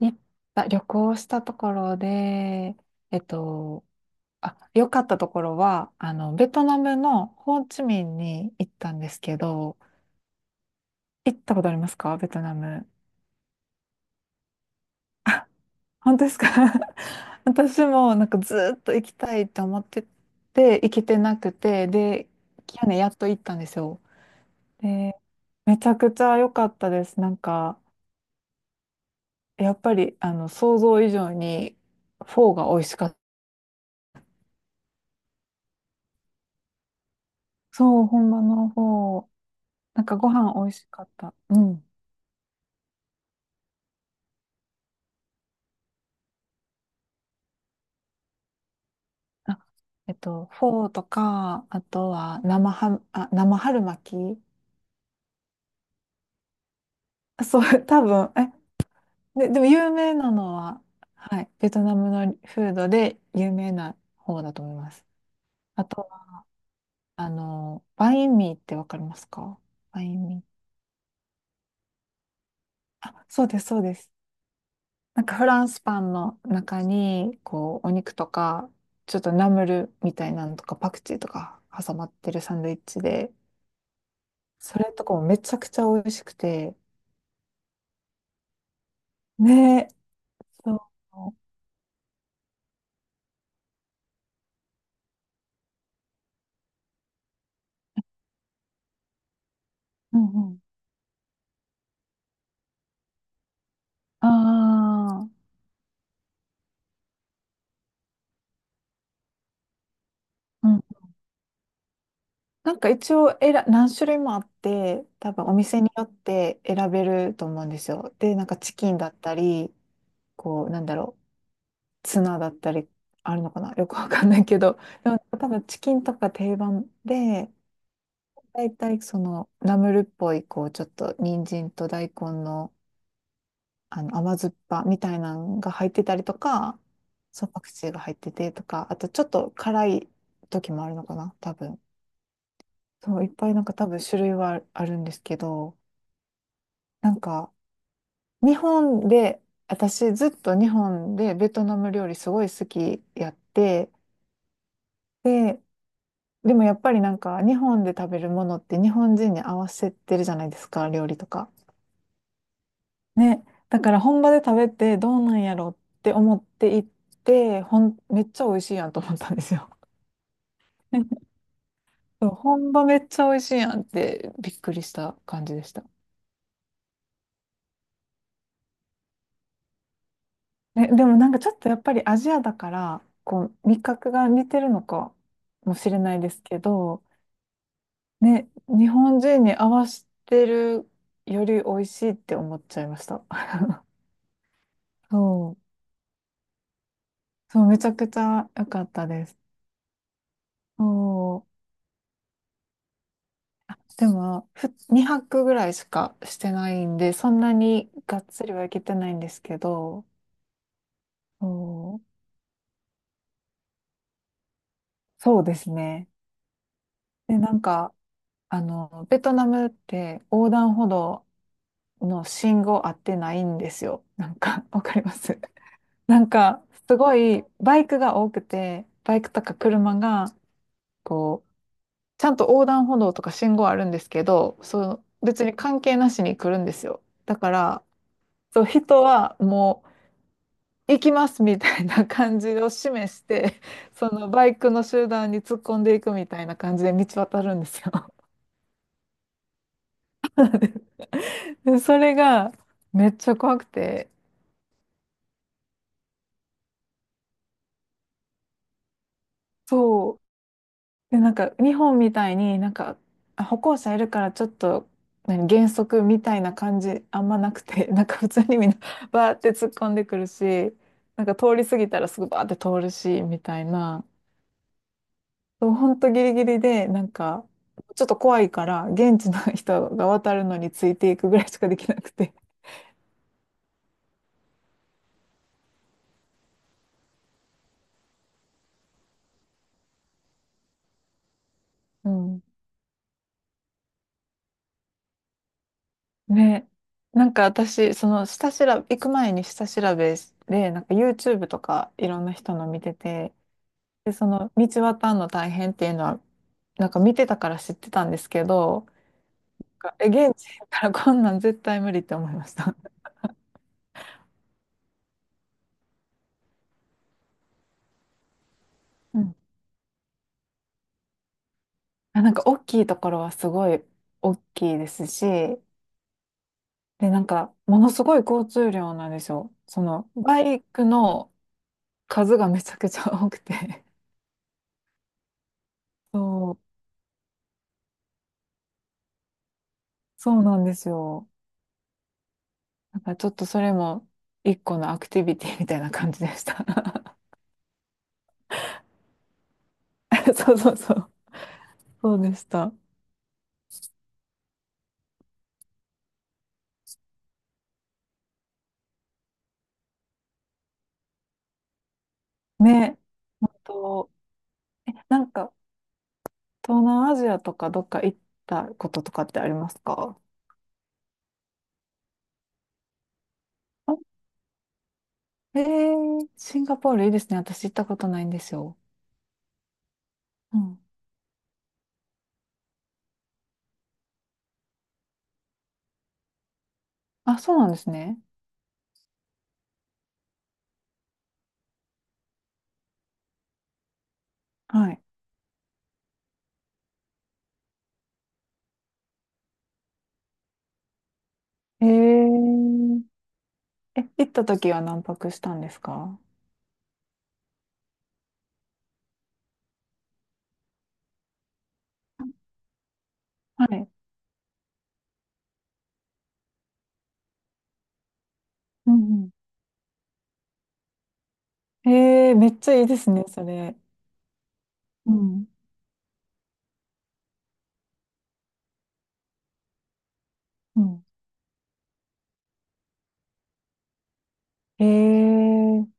いっぱい旅行したところで、えっと、良かったところは、ベトナムのホーチミンに行ったんですけど、行ったことありますかベトナム。あ、本当ですか。 私もなんかずーっと行きたいと思ってて、行けてなくて、で、去年やっと行ったんですよ。で、めちゃくちゃ良かったです。なんか、やっぱり、想像以上に、フォーが美味しかった。そう、本場のフォー。なんかご飯美味しかった。うん。あ、フォーとか、あとは生春巻き。あそう、多分、え、で、でも有名なのは、はい、ベトナムのフードで有名な方だと思います。あとは、バインミーってわかりますか。バインミー。あ、そうです、そうです。なんかフランスパンの中に、こう、お肉とか、ちょっとナムルみたいなのとか、パクチーとか挟まってるサンドイッチで、それとかもめちゃくちゃ美味しくて、ねえ、そう。うんうん。ああ、うん。なんか一応選何種類もあって、多分お店によって選べると思うんですよ。で、なんかチキンだったり、こう、なんだろう、ツナだったり、あるのかなよくわかんないけど、でも多分チキンとか定番で、大体そのナムルっぽい、こう、ちょっと人参と大根の甘酸っぱみたいなのが入ってたりとか、そう、パクチーが入っててとか、あとちょっと辛い時もあるのかな、多分。そう、いっぱいなんか多分種類はあるんですけど、なんか、日本で、私ずっと日本でベトナム料理すごい好きやって、で、でもやっぱりなんか日本で食べるものって日本人に合わせてるじゃないですか、料理とか。ね、だから本場で食べてどうなんやろって思って行って、ほん、めっちゃ美味しいやんと思ったんですよ。そう本場めっちゃ美味しいやんってびっくりした感じでした。ね、でもなんかちょっとやっぱりアジアだから、こう味覚が似てるのかもしれないですけど、ね、日本人に合わせてるより美味しいって思っちゃいました。そう、そう、めちゃくちゃ良かったです。そうでも、2泊ぐらいしかしてないんで、そんなにがっつりはいけてないんですけど、そう、そうですね。で、なんか、ベトナムって横断歩道の信号合ってないんですよ。なんか、わかります。 なんか、すごいバイクが多くて、バイクとか車が、こう、ちゃんと横断歩道とか信号あるんですけど、そう、別に関係なしに来るんですよ。だから、そう、人はもう、行きますみたいな感じを示して、そのバイクの集団に突っ込んでいくみたいな感じで道渡るんですよ。で、それがめっちゃ怖くて、そう。で、なんか日本みたいになんかあ歩行者いるからちょっと何減速みたいな感じあんまなくて、なんか普通にみんな バーって突っ込んでくるし、なんか通り過ぎたらすぐバーって通るし、みたいな。そう、ほんとギリギリで、なんか、ちょっと怖いから、現地の 人が渡るのについていくぐらいしかできなくて。うん。ね。なんか私、その下調べ、行く前に下調べで、なんか YouTube とかいろんな人の見てて、で、その道渡るの大変っていうのは、なんか見てたから知ってたんですけど、なんかえ、現地行ったらこんなん絶対無理って思いました。うん。あなんか大きいところはすごい大きいですし、で、なんか、ものすごい交通量なんですよ。その、バイクの数がめちゃくちゃ多くて。そう、そうなんですよ。なんかちょっとそれも一個のアクティビティみたいな感じでした。そうそうそう。そうでした。ね。あと、え、なんか、東南アジアとかどっか行ったこととかってありますか。あえー、シンガポールいいですね。私行ったことないんですよ。うん。あ、そうなんですね。はい。えーえ、行った時は何泊したんですか。はい。うんうん。ええめっちゃいいですね、それ。うん。うん。ええ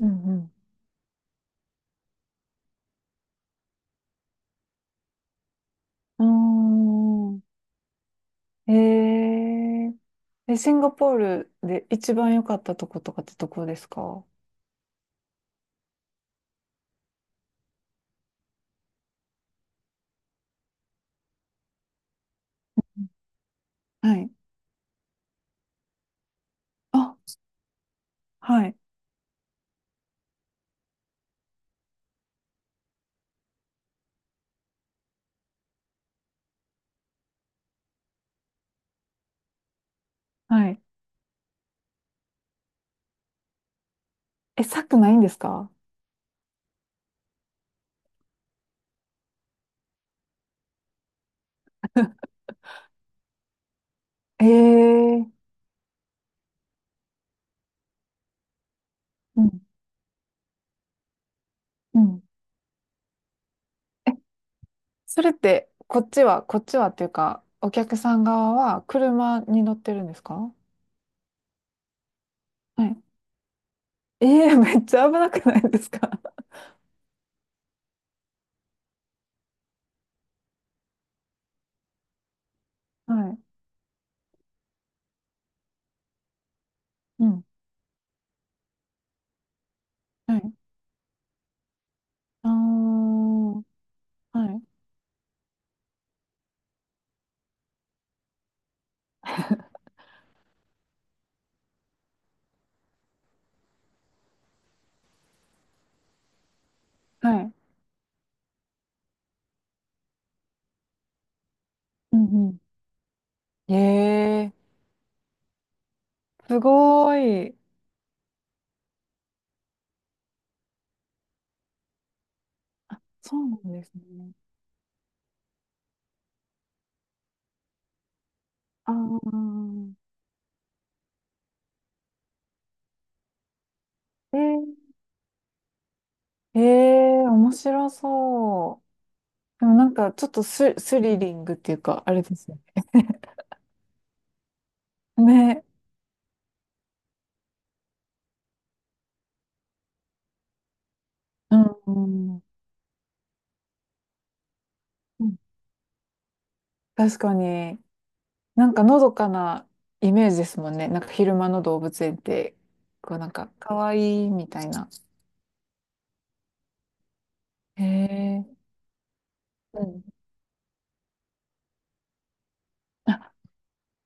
うんうん。あーえええ、シンガポールで一番良かったとことかってどこですか。うん、はい。あ、はい。はい。え、サくないんですか。 ええうんうん。え、それって、こっちはっていうか、お客さん側は車に乗ってるんですか。はい。ええーめっちゃ危なくないですか。 はい。うん。はい。あーはい。はい。うんうん。ええーすごーい。そうなんですね。あーえー、えー面白そう。でもなんかちょっとス、スリリングっていうか、あれですね。ね。うん、うん、確かに。なんかのどかなイメージですもんね。なんか昼間の動物園って、こうなんか可愛いみたいな。ええうん。あ、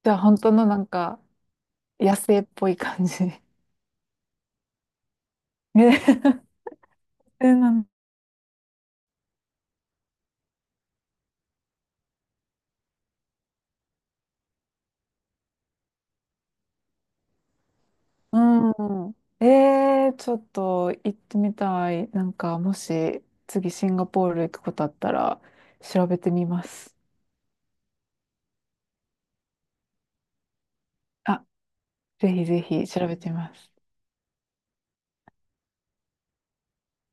じゃあ本当のなんか野生っぽい感じ。ね、なんうん。えー、ちょっと行ってみたい。なんかもし次シンガポール行くことあったら調べてみます。あ、ぜひぜひ調べてみます。